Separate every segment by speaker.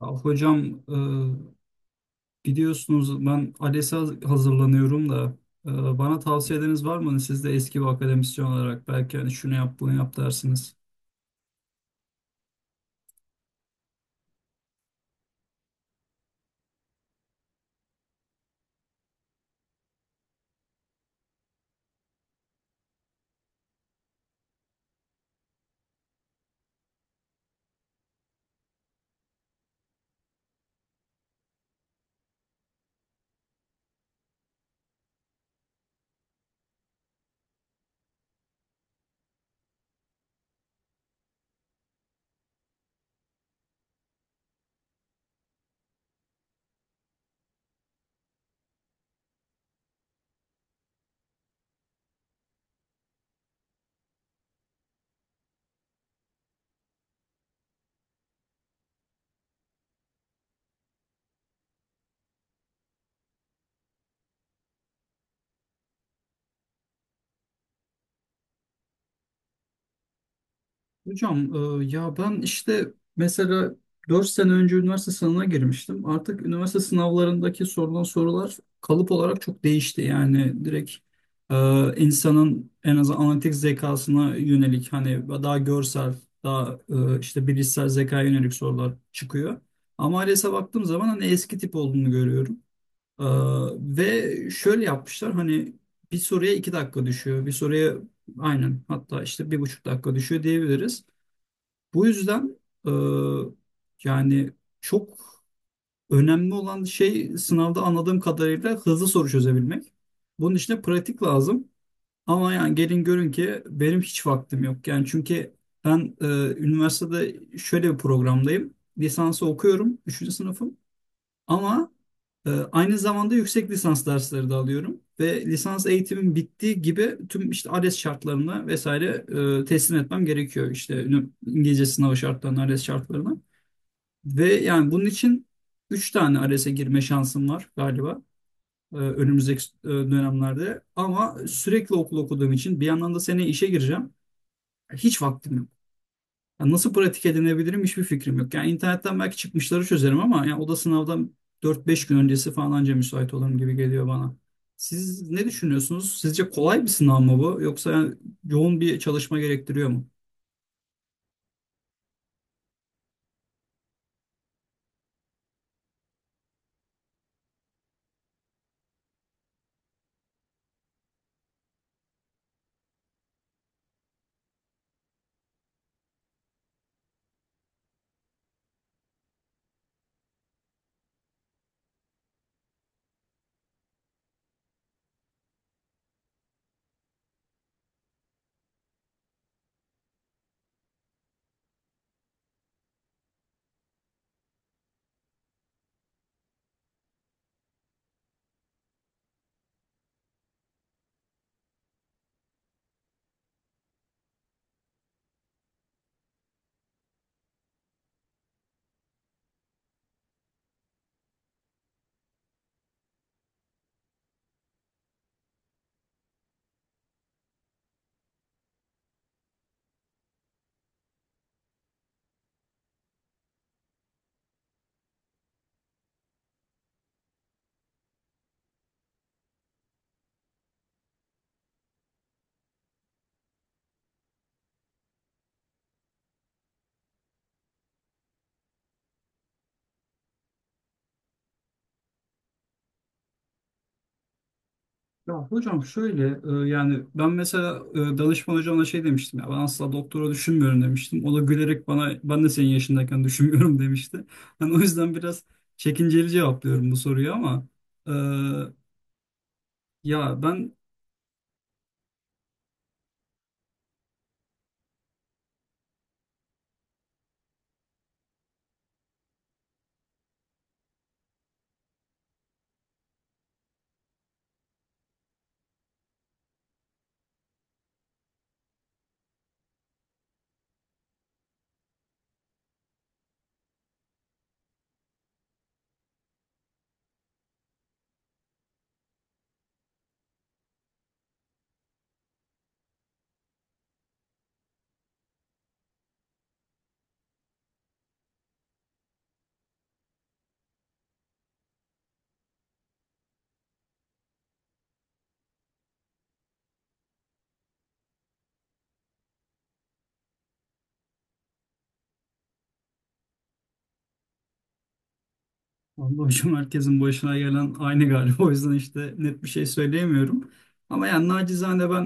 Speaker 1: Ya hocam, biliyorsunuz ben ALES'e hazırlanıyorum da, e, bana tavsiyeleriniz var mı? Siz de eski bir akademisyen olarak belki hani şunu yap bunu yap dersiniz. Hocam, ya ben işte mesela 4 sene önce üniversite sınavına girmiştim. Artık üniversite sınavlarındaki sorulan sorular kalıp olarak çok değişti. Yani direkt insanın en azından analitik zekasına yönelik hani daha görsel, daha işte bilişsel zekaya yönelik sorular çıkıyor. Ama ALES'e baktığım zaman hani eski tip olduğunu görüyorum. E, Ve şöyle yapmışlar hani bir soruya 2 dakika düşüyor, bir soruya aynen, hatta işte 1,5 dakika düşüyor diyebiliriz. Bu yüzden e, yani çok önemli olan şey, sınavda anladığım kadarıyla, hızlı soru çözebilmek. Bunun için de pratik lazım. Ama yani gelin görün ki benim hiç vaktim yok. Yani çünkü ben üniversitede şöyle bir programdayım. Lisansı okuyorum, üçüncü sınıfım. Ama aynı zamanda yüksek lisans dersleri de alıyorum ve lisans eğitimim bittiği gibi tüm işte ALES şartlarına vesaire teslim etmem gerekiyor. İşte İngilizce sınavı şartlarına, ALES şartlarına. Ve yani bunun için 3 tane ALES'e girme şansım var galiba, önümüzdeki dönemlerde. Ama sürekli okul okuduğum için bir yandan da seneye işe gireceğim. Hiç vaktim yok. Ya nasıl pratik edinebilirim, hiçbir fikrim yok. Yani internetten belki çıkmışları çözerim, ama yani o da sınavdan 4-5 gün öncesi falan anca müsait olurum gibi geliyor bana. Siz ne düşünüyorsunuz? Sizce kolay bir sınav mı bu, yoksa yani yoğun bir çalışma gerektiriyor mu? Ya hocam şöyle, yani ben mesela danışman hocama şey demiştim, ya ben asla doktora düşünmüyorum demiştim. O da gülerek bana, ben de senin yaşındayken düşünmüyorum demişti. Hani o yüzden biraz çekinceli cevaplıyorum bu soruyu, ama e, ya ben vallahi hocam, herkesin başına gelen aynı galiba. O yüzden işte net bir şey söyleyemiyorum. Ama yani nacizane ben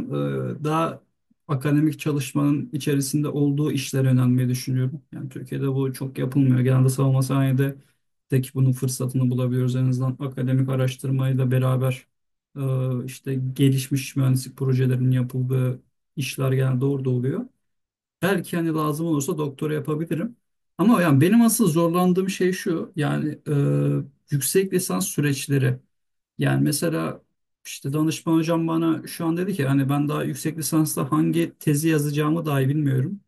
Speaker 1: daha akademik çalışmanın içerisinde olduğu işlere önemli düşünüyorum. Yani Türkiye'de bu çok yapılmıyor. Genelde savunma sanayide tek bunun fırsatını bulabiliyoruz. En azından akademik araştırmayla beraber işte gelişmiş mühendislik projelerinin yapıldığı işler genelde orada oluyor. Belki hani lazım olursa doktora yapabilirim. Ama yani benim asıl zorlandığım şey şu: yani yüksek lisans süreçleri. Yani mesela işte danışman hocam bana şu an dedi ki, hani ben daha yüksek lisansta hangi tezi yazacağımı dahi bilmiyorum.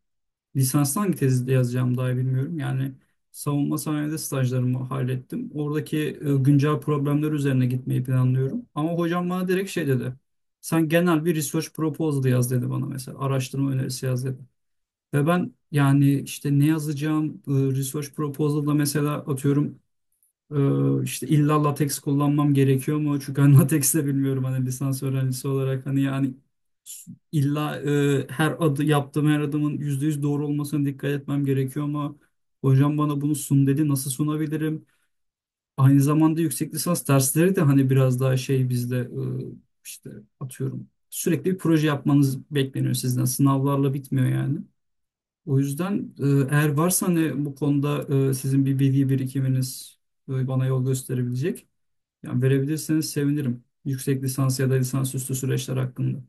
Speaker 1: Lisansta hangi tezi de yazacağımı dahi bilmiyorum. Yani savunma sanayide stajlarımı hallettim. Oradaki güncel problemler üzerine gitmeyi planlıyorum. Ama hocam bana direkt şey dedi. Sen genel bir research proposal yaz, dedi bana mesela. Araştırma önerisi yaz, dedi. Ve ben yani işte ne yazacağım, research proposal'da mesela atıyorum, işte illa latex kullanmam gerekiyor mu? Çünkü ben latex de bilmiyorum, hani lisans öğrencisi olarak. Hani yani illa her adı yaptığım, her adımın %100 doğru olmasına dikkat etmem gerekiyor mu? Hocam bana bunu sun, dedi. Nasıl sunabilirim? Aynı zamanda yüksek lisans dersleri de hani biraz daha şey, bizde işte atıyorum, sürekli bir proje yapmanız bekleniyor sizden. Sınavlarla bitmiyor yani. O yüzden eğer varsa hani bu konuda sizin bir bilgi birikiminiz bana yol gösterebilecek, yani verebilirseniz sevinirim. Yüksek lisans ya da lisansüstü süreçler hakkında.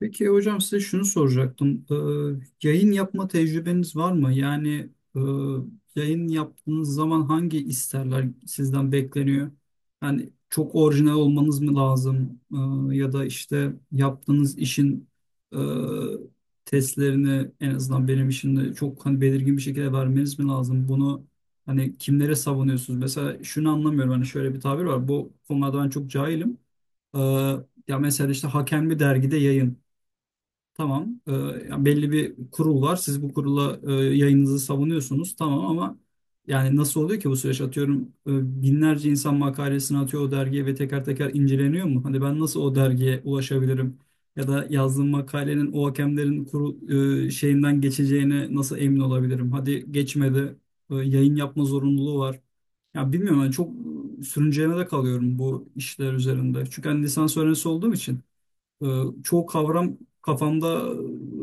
Speaker 1: Peki hocam, size şunu soracaktım. Yayın yapma tecrübeniz var mı? Yani e, yayın yaptığınız zaman hangi isterler sizden bekleniyor? Yani çok orijinal olmanız mı lazım? Ya da işte yaptığınız işin e, testlerini en azından benim için de çok hani belirgin bir şekilde vermeniz mi lazım? Bunu hani kimlere savunuyorsunuz? Mesela şunu anlamıyorum. Hani şöyle bir tabir var. Bu konularda ben çok cahilim. Ee, Ya mesela işte hakem bir dergide yayın. Tamam. Yani belli bir kurul var. Siz bu kurula yayınınızı savunuyorsunuz. Tamam ama yani nasıl oluyor ki bu süreç? Atıyorum, binlerce insan makalesini atıyor o dergiye ve teker teker inceleniyor mu? Hani ben nasıl o dergiye ulaşabilirim? Ya da yazdığım makalenin o hakemlerin kurul şeyinden geçeceğine nasıl emin olabilirim? Hadi geçmedi. Yayın yapma zorunluluğu var. Ya bilmiyorum, ben çok sürünceme de kalıyorum bu işler üzerinde. Çünkü hani lisans öğrencisi olduğum için. Ee, Çoğu kavram kafamda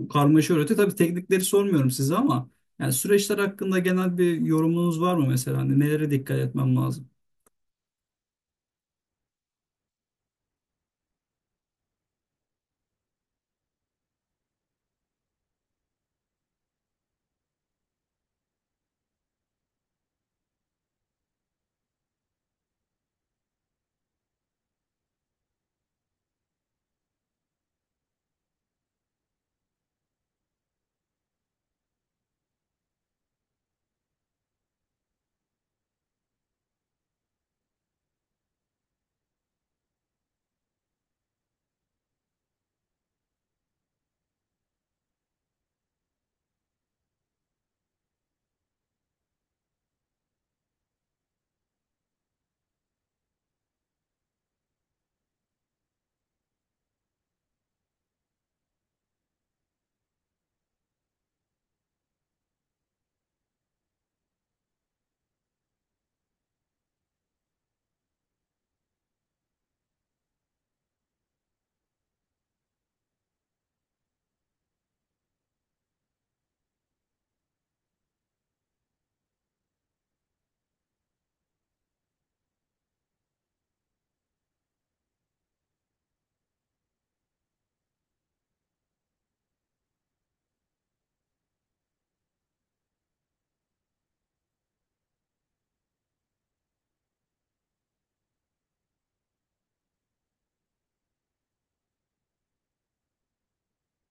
Speaker 1: karmaşa öğretiyor. Tabii teknikleri sormuyorum size, ama yani süreçler hakkında genel bir yorumunuz var mı mesela? Hani nelere dikkat etmem lazım?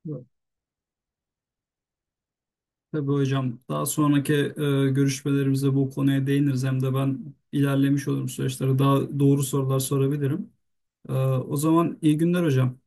Speaker 1: Evet. Tabii hocam, daha sonraki görüşmelerimizde bu konuya değiniriz. Hem de ben ilerlemiş olurum süreçlere. Daha doğru sorular sorabilirim. O zaman iyi günler hocam.